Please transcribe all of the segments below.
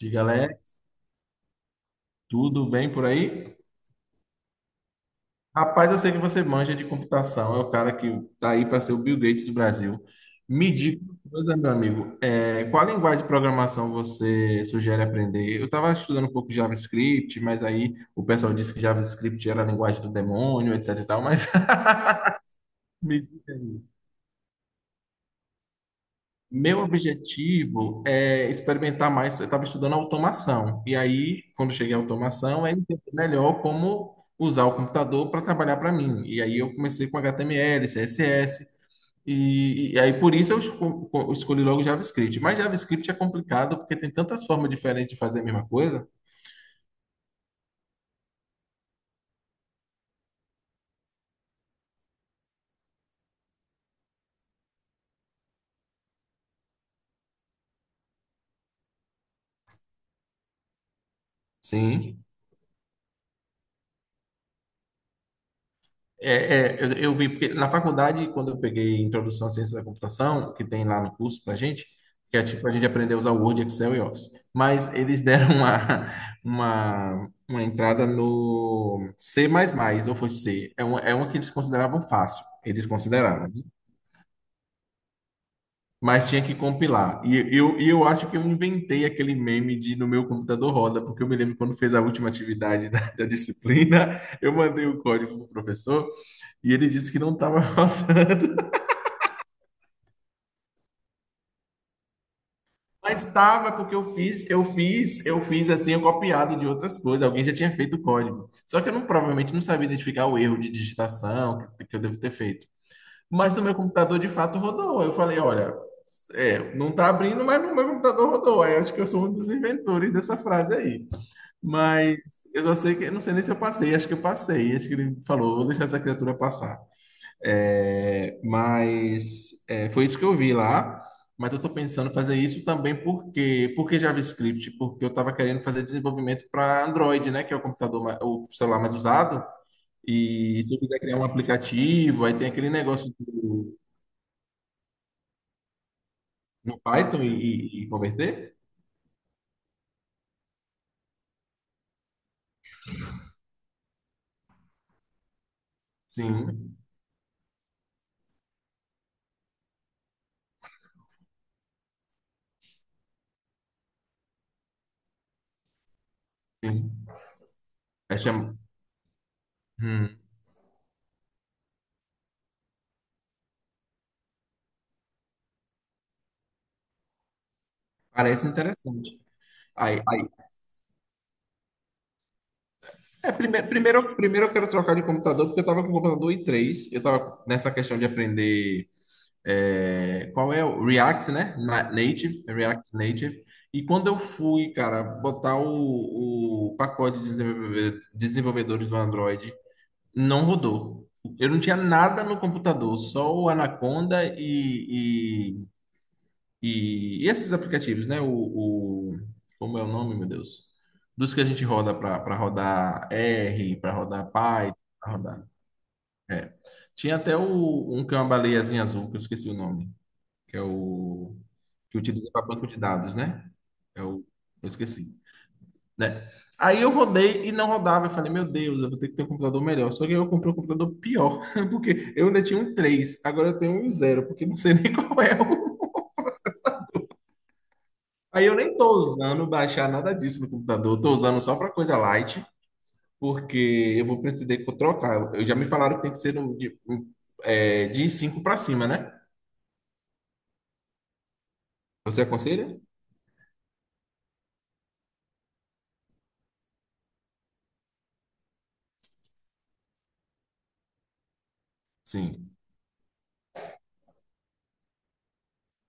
Diga, Lé, tudo bem por aí? Rapaz, eu sei que você manja de computação, é o cara que tá aí para ser o Bill Gates do Brasil. Me diga uma coisa, meu amigo, qual linguagem de programação você sugere aprender? Eu estava estudando um pouco de JavaScript, mas aí o pessoal disse que JavaScript era a linguagem do demônio, etc e tal, mas me diga aí. Meu objetivo é experimentar mais. Eu estava estudando automação, e aí, quando cheguei à automação, entender melhor como usar o computador para trabalhar para mim. E aí, eu comecei com HTML, CSS, e aí, por isso, eu escolhi logo JavaScript. Mas JavaScript é complicado porque tem tantas formas diferentes de fazer a mesma coisa. Sim. É, eu vi, porque na faculdade, quando eu peguei Introdução à Ciência da Computação, que tem lá no curso pra gente, que é tipo, a gente aprendeu a usar Word, Excel e Office, mas eles deram uma entrada no C++, ou foi C, é uma que eles consideravam fácil, eles consideraram, né? Mas tinha que compilar. E eu acho que eu inventei aquele meme de no meu computador roda, porque eu me lembro quando fez a última atividade da disciplina, eu mandei o código pro professor, e ele disse que não estava rodando. Mas estava porque eu fiz assim, eu copiado de outras coisas. Alguém já tinha feito o código. Só que eu não, provavelmente não sabia identificar o erro de digitação que eu devo ter feito. Mas no meu computador de fato rodou. Eu falei, olha, não tá abrindo, mas no meu computador rodou. Aí eu acho que eu sou um dos inventores dessa frase aí. Mas eu só sei que eu não sei nem se eu passei, acho que eu passei. Acho que ele falou, vou deixar essa criatura passar. É, mas foi isso que eu vi lá. Mas eu estou pensando em fazer isso também porque JavaScript, porque eu estava querendo fazer desenvolvimento para Android, né, que é o computador, o celular mais usado. E se eu quiser criar um aplicativo, aí tem aquele negócio no Python e converter? Sim, sim. É cham- hum, parece interessante. Aí, primeiro eu quero trocar de computador, porque eu estava com o computador i três. Eu estava nessa questão de aprender. É, qual é o React, né? Native, React Native. E quando eu fui, cara, botar o pacote de desenvolvedores do Android, não rodou. Eu não tinha nada no computador, só o Anaconda e esses aplicativos, né? Como é o nome, meu Deus? Dos que a gente roda para rodar R, para rodar Python, para rodar. É. Tinha até um que é uma baleiazinha azul, que eu esqueci o nome, que é o que utiliza para banco de dados, né? É o, eu esqueci, né? Aí eu rodei e não rodava. Eu falei, meu Deus, eu vou ter que ter um computador melhor. Só que aí eu comprei um computador pior, porque eu ainda tinha um 3. Agora eu tenho um zero, porque não sei nem qual é o. Aí eu nem tô usando baixar nada disso no computador, eu tô usando só para coisa light, porque eu vou pretender trocar. Eu já me falaram que tem que ser de 5 para cima, né? Você aconselha? Sim.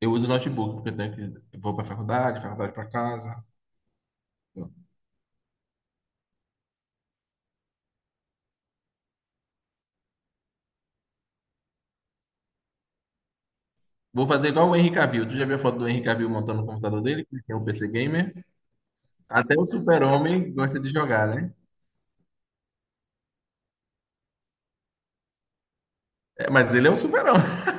Eu uso notebook, porque eu tenho que. Eu vou pra faculdade, faculdade pra casa. Vou fazer igual o Henry Cavill. Tu já viu a foto do Henry Cavill montando o computador dele? Que é um PC gamer. Até o super-homem gosta de jogar, né? É, mas ele é o super-homem.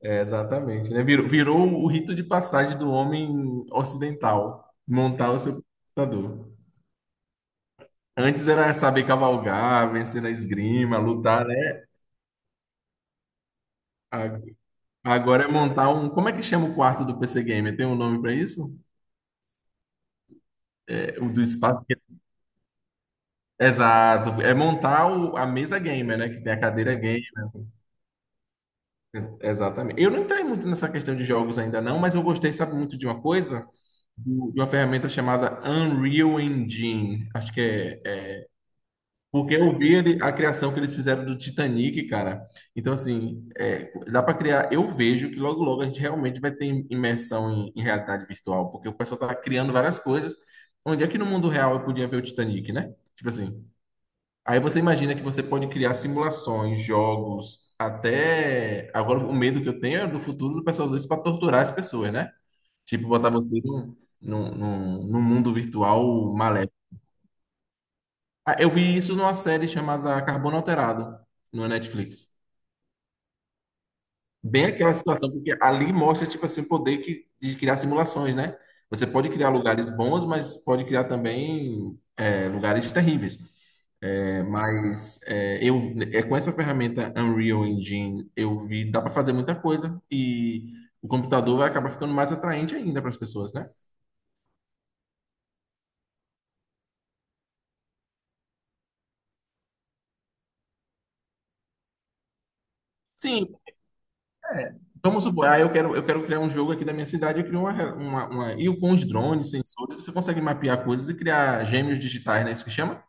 É, exatamente, né? Virou o rito de passagem do homem ocidental, montar o seu computador. Antes era saber cavalgar, vencer na esgrima, lutar, né? A- Agora é montar um. Como é que chama o quarto do PC Gamer? Tem um nome pra isso? É, o do espaço. Exato, é montar a mesa gamer, né? Que tem a cadeira gamer. Exatamente. Eu não entrei muito nessa questão de jogos ainda não, mas eu gostei, sabe, muito de uma coisa, de uma ferramenta chamada Unreal Engine. Acho que é. Porque eu vi a criação que eles fizeram do Titanic, cara. Então, assim, dá para criar. Eu vejo que logo, logo a gente realmente vai ter imersão em realidade virtual, porque o pessoal tá criando várias coisas. Onde é que no mundo real eu podia ver o Titanic, né? Tipo assim. Aí você imagina que você pode criar simulações, jogos, até. Agora, o medo que eu tenho é do futuro do pessoal usar isso para torturar as pessoas, né? Tipo, botar você num mundo virtual maléfico. Ah, eu vi isso numa série chamada Carbono Alterado, no Netflix. Bem aquela situação, porque ali mostra, tipo assim, o poder de criar simulações, né? Você pode criar lugares bons, mas pode criar também lugares terríveis. Mas com essa ferramenta Unreal Engine, eu vi, dá para fazer muita coisa e o computador vai acabar ficando mais atraente ainda para as pessoas, né? Sim, vamos supor, ah, eu quero criar um jogo aqui da minha cidade, eu crio. E com os drones, sensores, você consegue mapear coisas e criar gêmeos digitais, né? Isso que chama?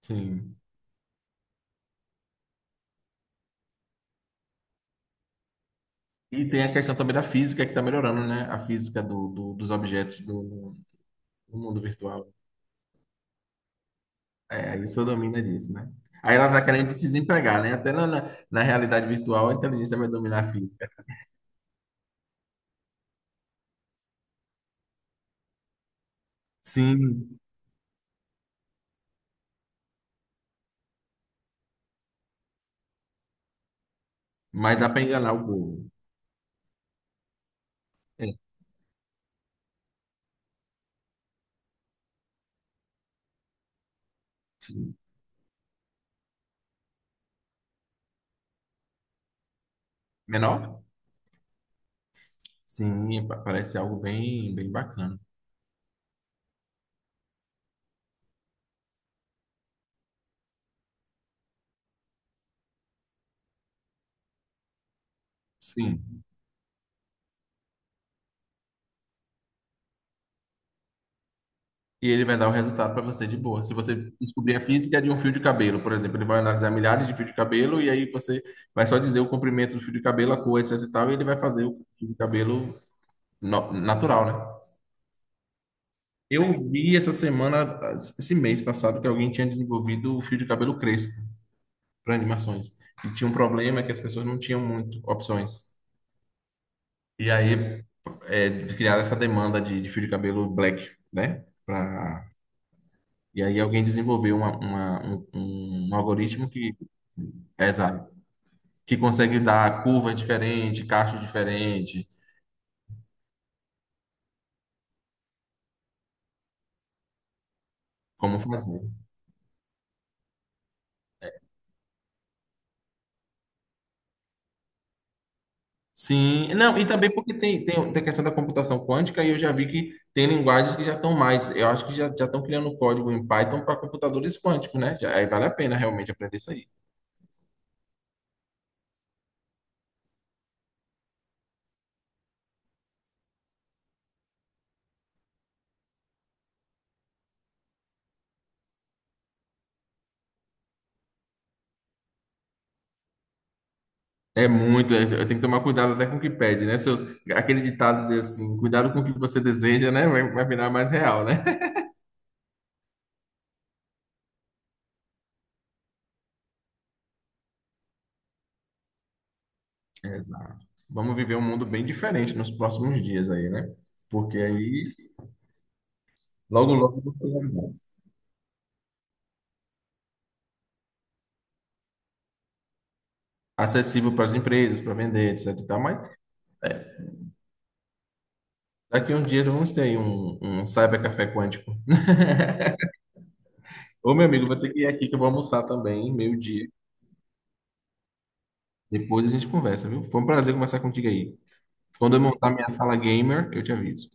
Sim. E tem a questão também da física que está melhorando, né? A física dos objetos do mundo virtual. É, isso domina disso, né? Aí ela está querendo se desempregar, né? Até na realidade virtual, a inteligência vai dominar a física. Sim, mas dá para enganar o povo. É, sim. Menor? Sim, parece algo bem, bem bacana. Sim. E ele vai dar o resultado para você de boa. Se você descobrir a física é de um fio de cabelo, por exemplo, ele vai analisar milhares de fio de cabelo e aí você vai só dizer o comprimento do fio de cabelo, a cor, etc e tal, e ele vai fazer o fio de cabelo natural, né? Eu vi essa semana, esse mês passado, que alguém tinha desenvolvido o fio de cabelo crespo para animações. E tinha um problema que as pessoas não tinham muito opções. E aí criaram essa demanda de fio de cabelo black, né? Para. E aí alguém desenvolveu um algoritmo que, é, exato, que consegue dar curvas diferentes, cachos diferentes, como fazer. Sim, não, e também porque tem a questão da computação quântica e eu já vi que tem linguagens que já estão mais, eu acho que já estão criando código em Python para computadores quânticos, né? Já, aí vale a pena realmente aprender isso aí. É muito, eu tenho que tomar cuidado até com o que pede, né? Aquele ditado dizer assim, cuidado com o que você deseja, né? Vai virar mais real, né? Exato. Vamos viver um mundo bem diferente nos próximos dias aí, né? Porque aí, logo, logo, vai ter novidades. Acessível para as empresas, para vender, etc. e tal. Mas daqui uns dias vamos ter aí um cyber café quântico. Ô, meu amigo, vou ter que ir aqui que eu vou almoçar também, meio-dia. Depois a gente conversa, viu? Foi um prazer conversar contigo aí. Quando eu montar minha sala gamer, eu te aviso.